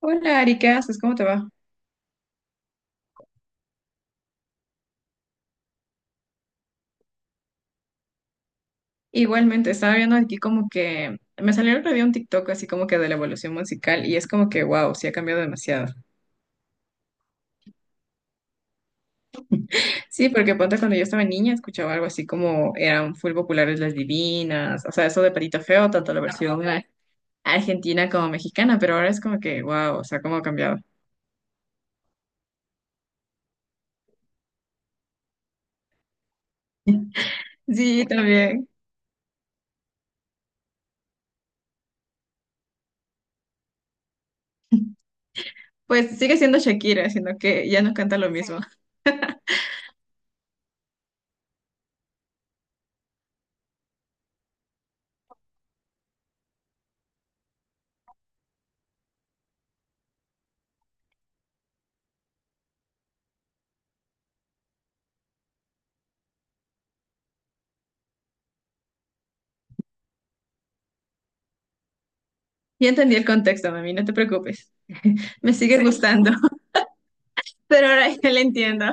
Hola Ari, ¿qué haces? ¿Cómo te va? Igualmente, estaba viendo aquí como que me salió el otro día un TikTok así como que de la evolución musical y es como que wow, sí ha cambiado demasiado. Sí, porque ponte cuando yo estaba niña escuchaba algo así como eran full populares las divinas, o sea, eso de Patito Feo, tanto la versión argentina como mexicana, pero ahora es como que wow, o sea, cómo ha cambiado. Sí, también. Pues sigue siendo Shakira, sino que ya no canta lo mismo. Ya entendí el contexto, mami, no te preocupes. Me sigue gustando, pero ahora ya la entiendo.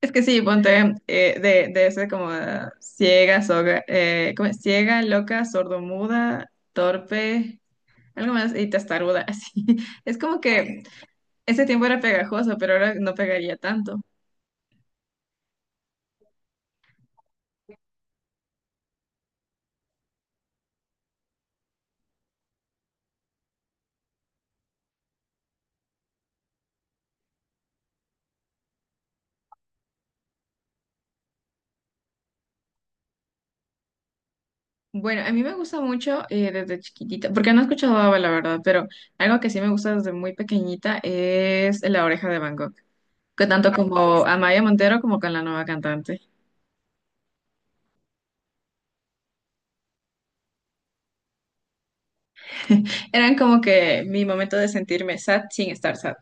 Es que sí, ponte de ese como ciega, soga, ¿cómo es? Ciega, loca, sordomuda, torpe, algo más, y testaruda, así. Es como que ese tiempo era pegajoso, pero ahora no pegaría tanto. Bueno, a mí me gusta mucho desde chiquitita, porque no he escuchado ABBA, la verdad, pero algo que sí me gusta desde muy pequeñita es La Oreja de Van Gogh, que tanto como Amaya Montero como con la nueva cantante. Eran como que mi momento de sentirme sad sin estar sad.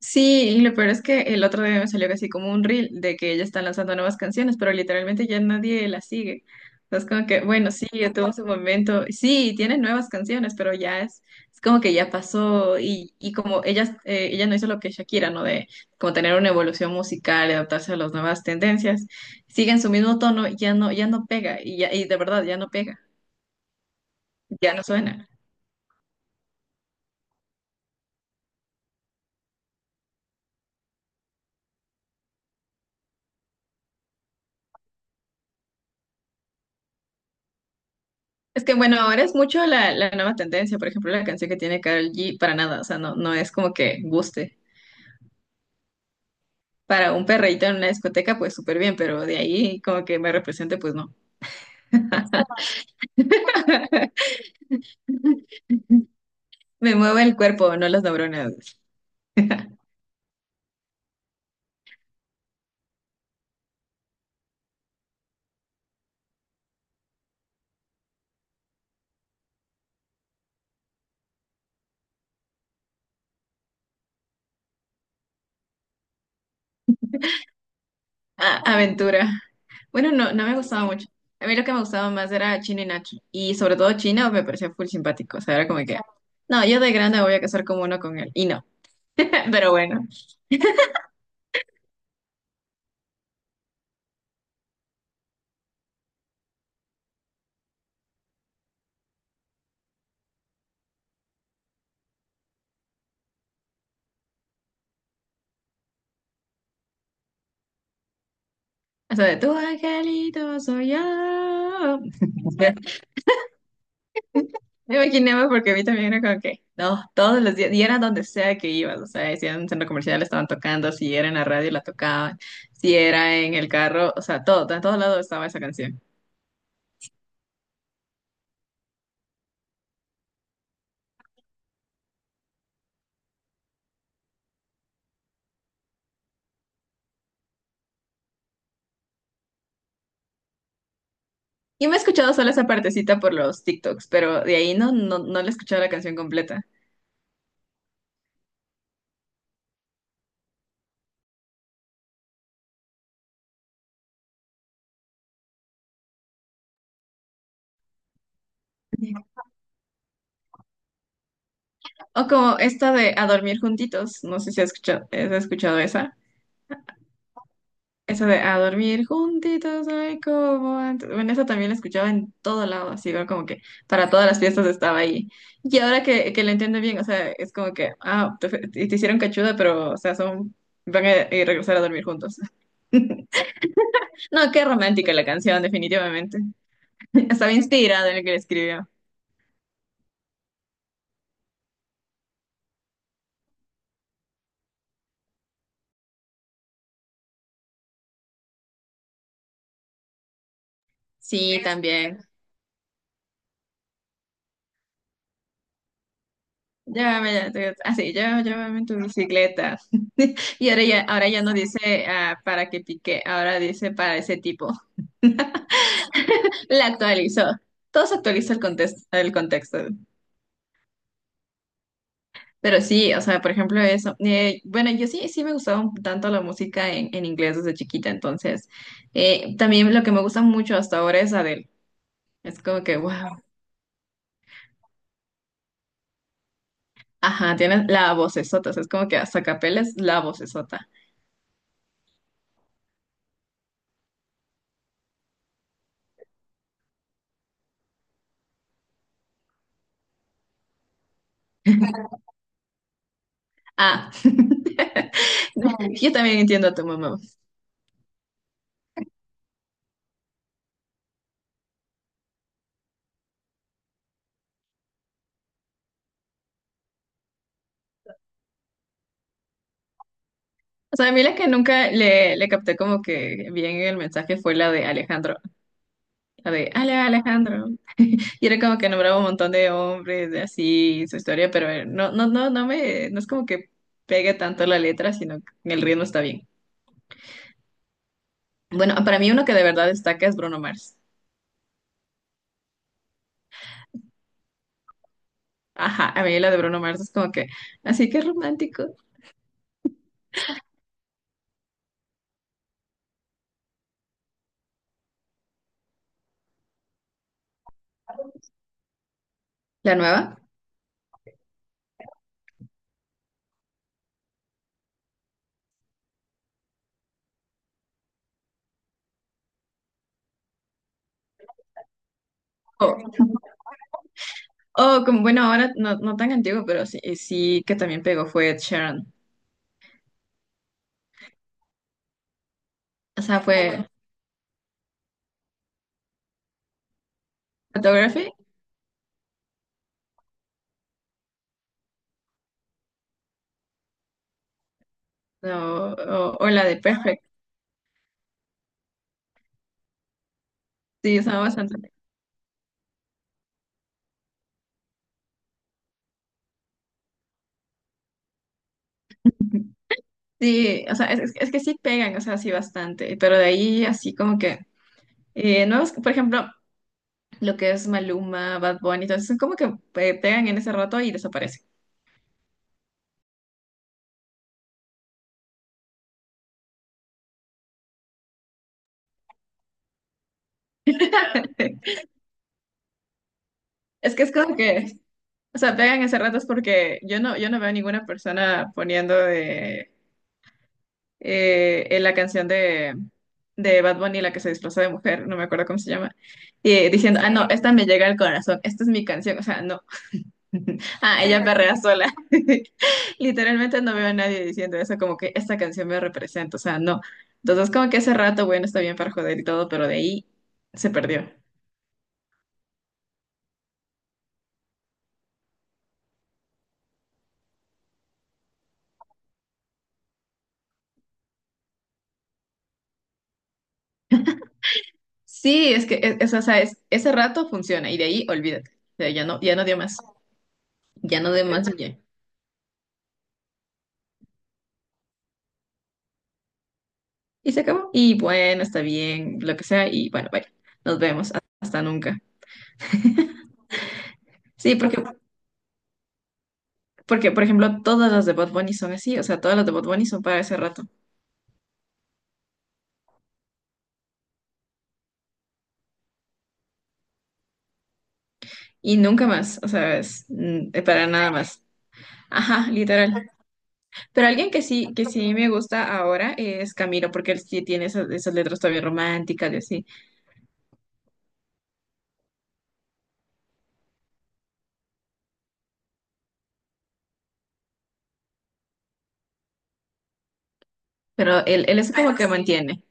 Sí, y lo peor es que el otro día me salió casi como un reel de que ella está lanzando nuevas canciones, pero literalmente ya nadie la sigue. Entonces como que, bueno, sí, ya tuvo su momento. Sí, tiene nuevas canciones, pero ya es como que ya pasó y como ella, ella no hizo lo que Shakira, ¿no? De como tener una evolución musical, adaptarse a las nuevas tendencias, sigue en su mismo tono, ya no, ya no pega y, ya, y de verdad ya no pega, ya no suena. Es que bueno, ahora es mucho la nueva tendencia, por ejemplo, la canción que tiene Karol G, para nada, o sea, no, no es como que guste. Para un perreíto en una discoteca, pues súper bien, pero de ahí como que me represente, pues no. Me mueve el cuerpo, no las neuronas. Ah, aventura. Bueno, no, no me gustaba mucho. A mí lo que me gustaba más era Chino y Nacho, y sobre todo Chino me parecía full simpático, o sea, era como que, no, yo de grande me voy a casar como uno con él, y no. Pero bueno, o sea, de tu angelito soy yo. Me imaginaba porque a mí también era como que, no, todos los días, y era donde sea que ibas, o sea, si era en un centro comercial estaban tocando, si era en la radio la tocaban, si era en el carro, o sea, todo, en todos lados estaba esa canción. Y me he escuchado solo esa partecita por los TikToks, pero de ahí no le he escuchado la canción completa. O como esta de A dormir juntitos, no sé si has escuchado, has escuchado esa. Eso de a dormir juntitos, ay, cómo antes. Bueno, eso también lo escuchaba en todo lado, así igual como que para todas las fiestas estaba ahí. Y ahora que lo entiendo bien, o sea, es como que, ah, te hicieron cachuda, pero, o sea, son, van a regresar a dormir juntos. No, qué romántica la canción, definitivamente. Estaba inspirada en el que la escribió. Sí, también. Llévame, ya, te- ah, sí, yo, Llévame en tu bicicleta. Y ahora ya no dice ah, para que pique, ahora dice para ese tipo. La actualizó. Todo se actualiza el contexto, el contexto. Pero sí, o sea, por ejemplo, eso. Bueno, yo sí, sí me gustaba un tanto la música en inglés desde chiquita, entonces. También lo que me gusta mucho hasta ahora es Adele. Es como que, wow. Ajá, tienes la vocesota, o sea, es como que hasta capela es la vocesota. Ah. Yo también entiendo a tu mamá. O sea, a mí la que nunca le capté como que bien el mensaje fue la de Alejandro. La de Alejandro. Y era como que nombraba un montón de hombres, de así, su historia, pero no es como que pegue tanto la letra, sino que el ritmo está bien. Bueno, para mí uno que de verdad destaca es Bruno Mars. Ajá, a mí la de Bruno Mars es como que, así que romántico. ¿La nueva? O o como, bueno, ahora no, no tan antiguo, pero sí, sí que también pegó fue Ed Sheeran. O sea, fue Photography no, o la de Perfect. Sí, estaba bastante. Sí, o sea, es que sí pegan, o sea, sí bastante, pero de ahí así como que, nuevos, por ejemplo, lo que es Maluma, Bad Bunny, entonces son como que pegan en ese rato y desaparecen. Es que es como que, o sea, pegan ese rato es porque yo no, yo no veo ninguna persona poniendo de, en la canción de Bad Bunny, la que se disfrazó de mujer, no me acuerdo cómo se llama, y diciendo, ah, no, esta me llega al corazón, esta es mi canción, o sea, no. Ah, ella perrea sola. Literalmente no veo a nadie diciendo eso, como que esta canción me representa, o sea, no. Entonces, como que ese rato, bueno, está bien para joder y todo, pero de ahí se perdió. Sí, es que es- o sea, es- ese rato funciona y de ahí olvídate. O sea, ya no, ya no dio más, ya no dio más y ya. Y se acabó. Y bueno, está bien, lo que sea, y bueno, bye. Nos vemos. Hasta nunca. Sí, porque, porque, por ejemplo, todas las de Bad Bunny son así, o sea, todas las de Bad Bunny son para ese rato. Y nunca más, o sea, es, para nada más. Ajá, literal. Pero alguien que sí me gusta ahora es Camilo, porque él sí tiene esas, esas letras todavía románticas y así. Pero él es como Bueno, que sí, mantiene.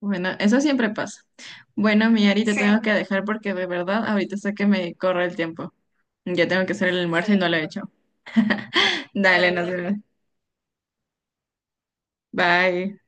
Bueno, eso siempre pasa. Bueno, mi Ari, te sí. tengo que dejar porque de verdad ahorita sé que me corre el tiempo. Ya tengo que hacer el almuerzo y no sí. lo he hecho. Dale, nos vemos. Bye.